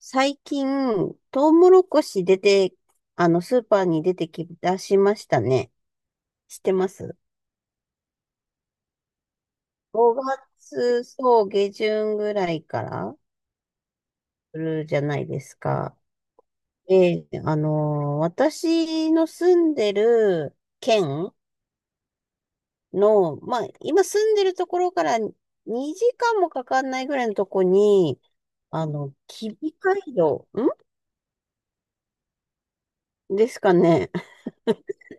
最近、トウモロコシ出て、スーパーに出てきだしましたね。知ってます？5月、そう、下旬ぐらいから、するじゃないですか。ええ、あの私の住んでる県の、まあ、今住んでるところから2時間もかかんないぐらいのとこに、吉備街道、んですかね。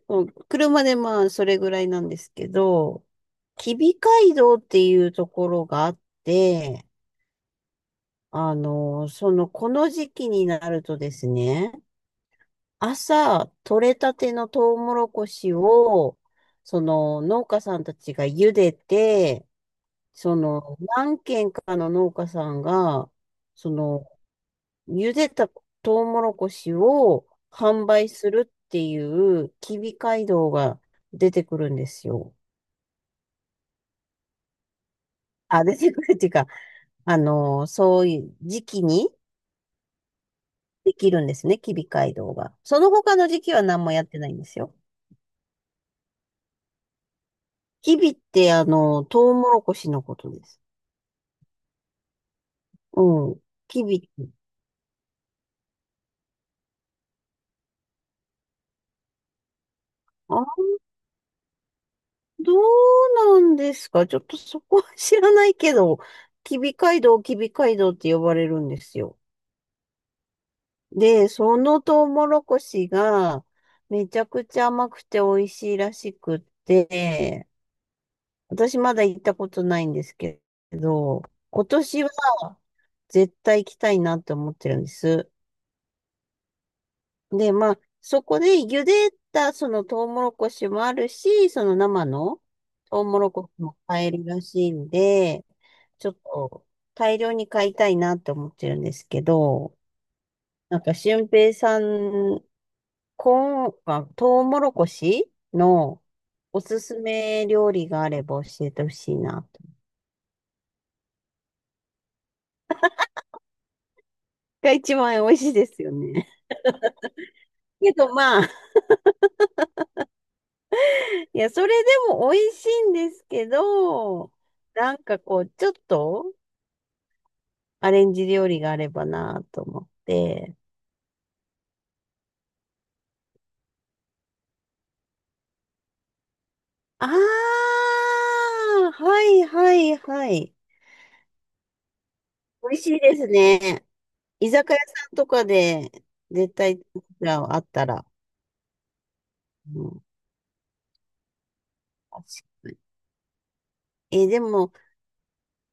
うん、車でまあ、それぐらいなんですけど、吉備街道っていうところがあって、この時期になるとですね、朝、取れたてのトウモロコシを、農家さんたちが茹でて、何軒かの農家さんが、その、茹でたトウモロコシを販売するっていう、吉備街道が出てくるんですよ。あ、出てくる っていうか、そういう時期にできるんですね、キビ街道が。その他の時期は何もやってないんですよ。キビって、トウモロコシのことです。うん。キビって。あ、どうなんですか？ちょっとそこは知らないけど、キビ街道って呼ばれるんですよ。で、そのトウモロコシが、めちゃくちゃ甘くて美味しいらしくって、私まだ行ったことないんですけど、今年は絶対行きたいなって思ってるんです。で、まあ、そこで茹でたそのトウモロコシもあるし、その生のトウモロコシも買えるらしいんで、ちょっと大量に買いたいなって思ってるんですけど、なんか俊平さん、コーン、まあ、トウモロコシのおすすめ料理があれば教えてほしいな。が一番美味しいですよね。けどまあ、いや、それでも美味しいんですけど、なんかこう、ちょっとアレンジ料理があればなと思って。ああ、はいはいはい。美味しいですね。居酒屋さんとかで絶対あったら。うん、確かに。え、でも、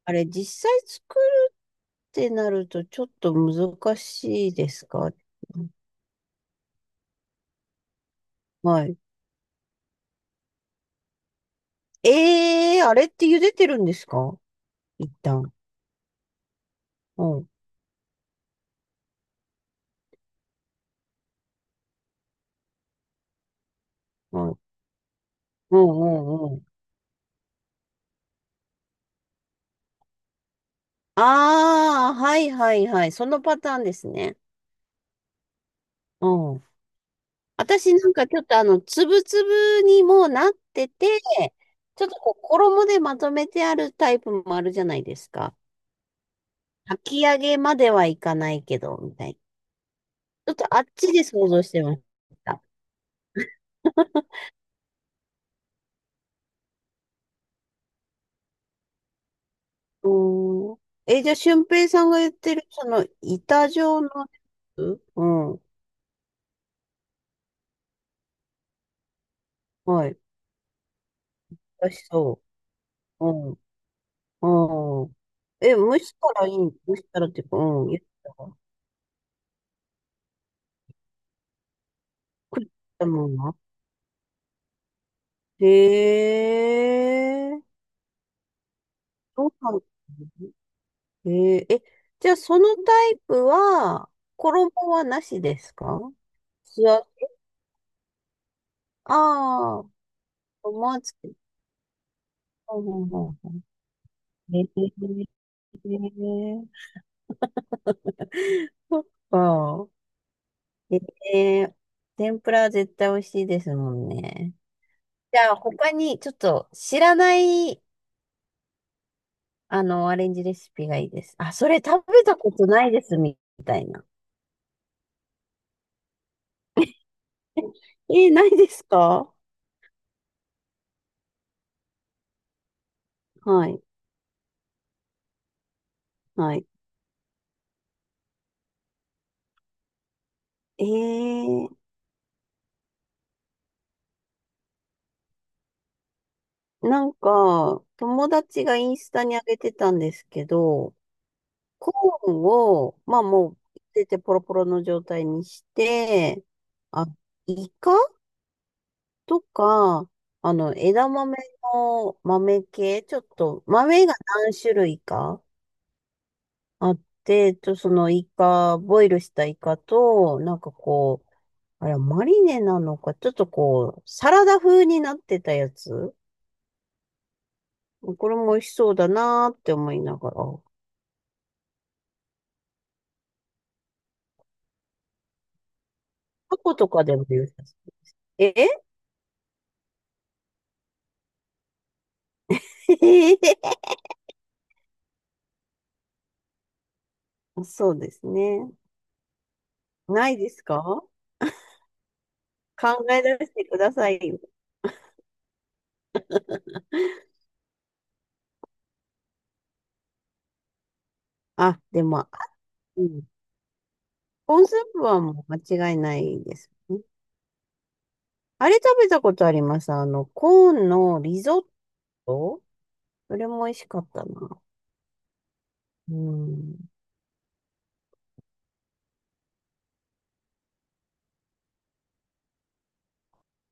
あれ、実際作るってなるとちょっと難しいですか？うん。はい。ええー、あれって茹でてるんですか、一旦。うん、うん、うん、うん。うん。ああー、はいはいはい。そのパターンですね。うん。私なんかちょっとつぶつぶにもうなってて、ちょっとこう衣でまとめてあるタイプもあるじゃないですか。炊き上げまではいかないけど、みたいな。ちょっとあっちで想像してました。うーん。え、じゃあ、俊平さんが言ってる、板状のやつ。うん。はい。美味しそう。うん、うん。え、蒸したらいい、蒸したらっていうか、うん、やったら。食ったもんな。へえ、そうなんだね。へえ、え、じゃあそのタイプは、衣はなしですか？素。ああー、思わず。うんうんうんうん。へえ、ああ、へえ、天ぷらは絶対美味しいですもんね。じゃあ他にちょっと知らないアレンジレシピがいいです。あ、それ食べたことないです、みたいな。えー、ないですか？はい、はい。えー、なんか、友達がインスタに上げてたんですけど、コーンを、まあもう、出てポロポロの状態にして、あ、イカとか、枝豆の豆系、ちょっと、豆が何種類かあって、と、そのイカ、ボイルしたイカと、なんかこう、あれ、マリネなのか、ちょっとこう、サラダ風になってたやつ。これも美味しそうだなーって思いながら。タコとかでも良さそうです。え そうですね。ないですか？考え出してくださいよ。あ、でも、あ、うん、コーンスープはもう間違いないですね。あれ食べたことあります。あの、コーンのリゾット。それも美味しかったな。うん。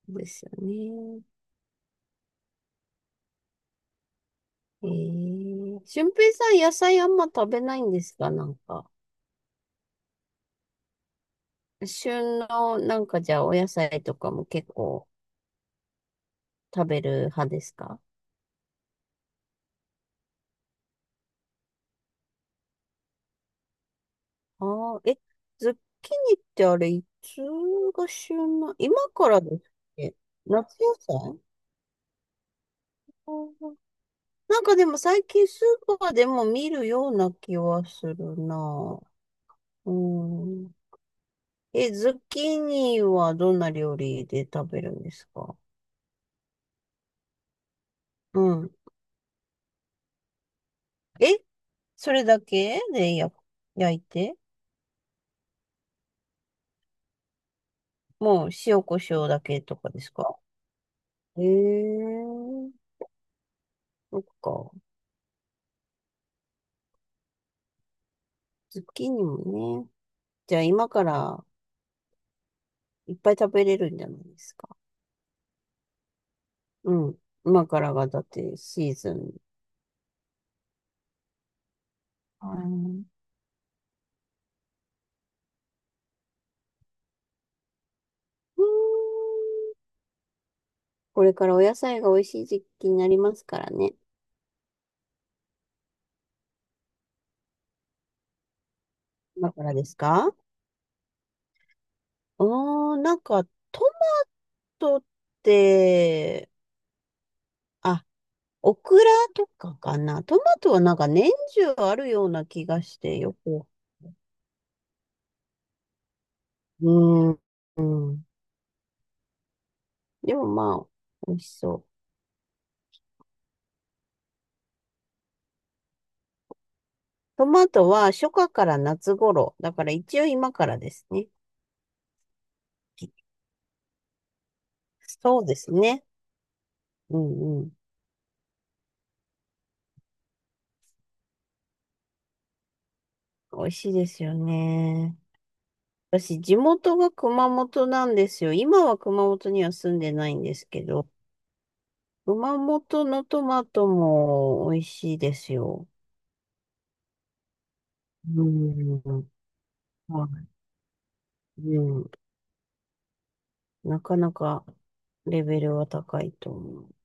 そうですよね。ええ俊平さん、野菜あんま食べないんですか、なんか。旬の、なんかじゃあ、お野菜とかも結構食べる派ですか？ああえ、ズッキーニってあれ、いつが旬な、今からですっけ？夏野菜あーなんかでも最近スーパーでも見るような気はするな。うん。え、ズッキーニはどんな料理で食べるんですか？うん。え、それだけでや、焼いて、もう塩コショウだけとかですか？えー、そっか。ズッキーニもね。じゃあ今からいっぱい食べれるんじゃないですか。うん。今からがだってシーズン。はい。うん。これからお野菜が美味しい時期になりますからね。今からですか？うーん、なんかトマトって、あ、オクラとかかな。トマトはなんか年中あるような気がしてよく。うん。うん。でもまあ、美味しそう。トマトは初夏から夏頃。だから一応今からですね。そうですね。うんうん。美味しいですよね。私、地元が熊本なんですよ。今は熊本には住んでないんですけど、熊本のトマトも美味しいですよ。うん。はい。うん。なかなかレベルは高いと思う。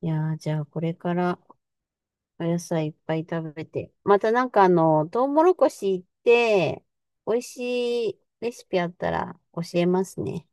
いやー、じゃあこれからお野菜いっぱい食べて。またなんかあの、トウモロコシ行って、美味しいレシピあったら教えますね。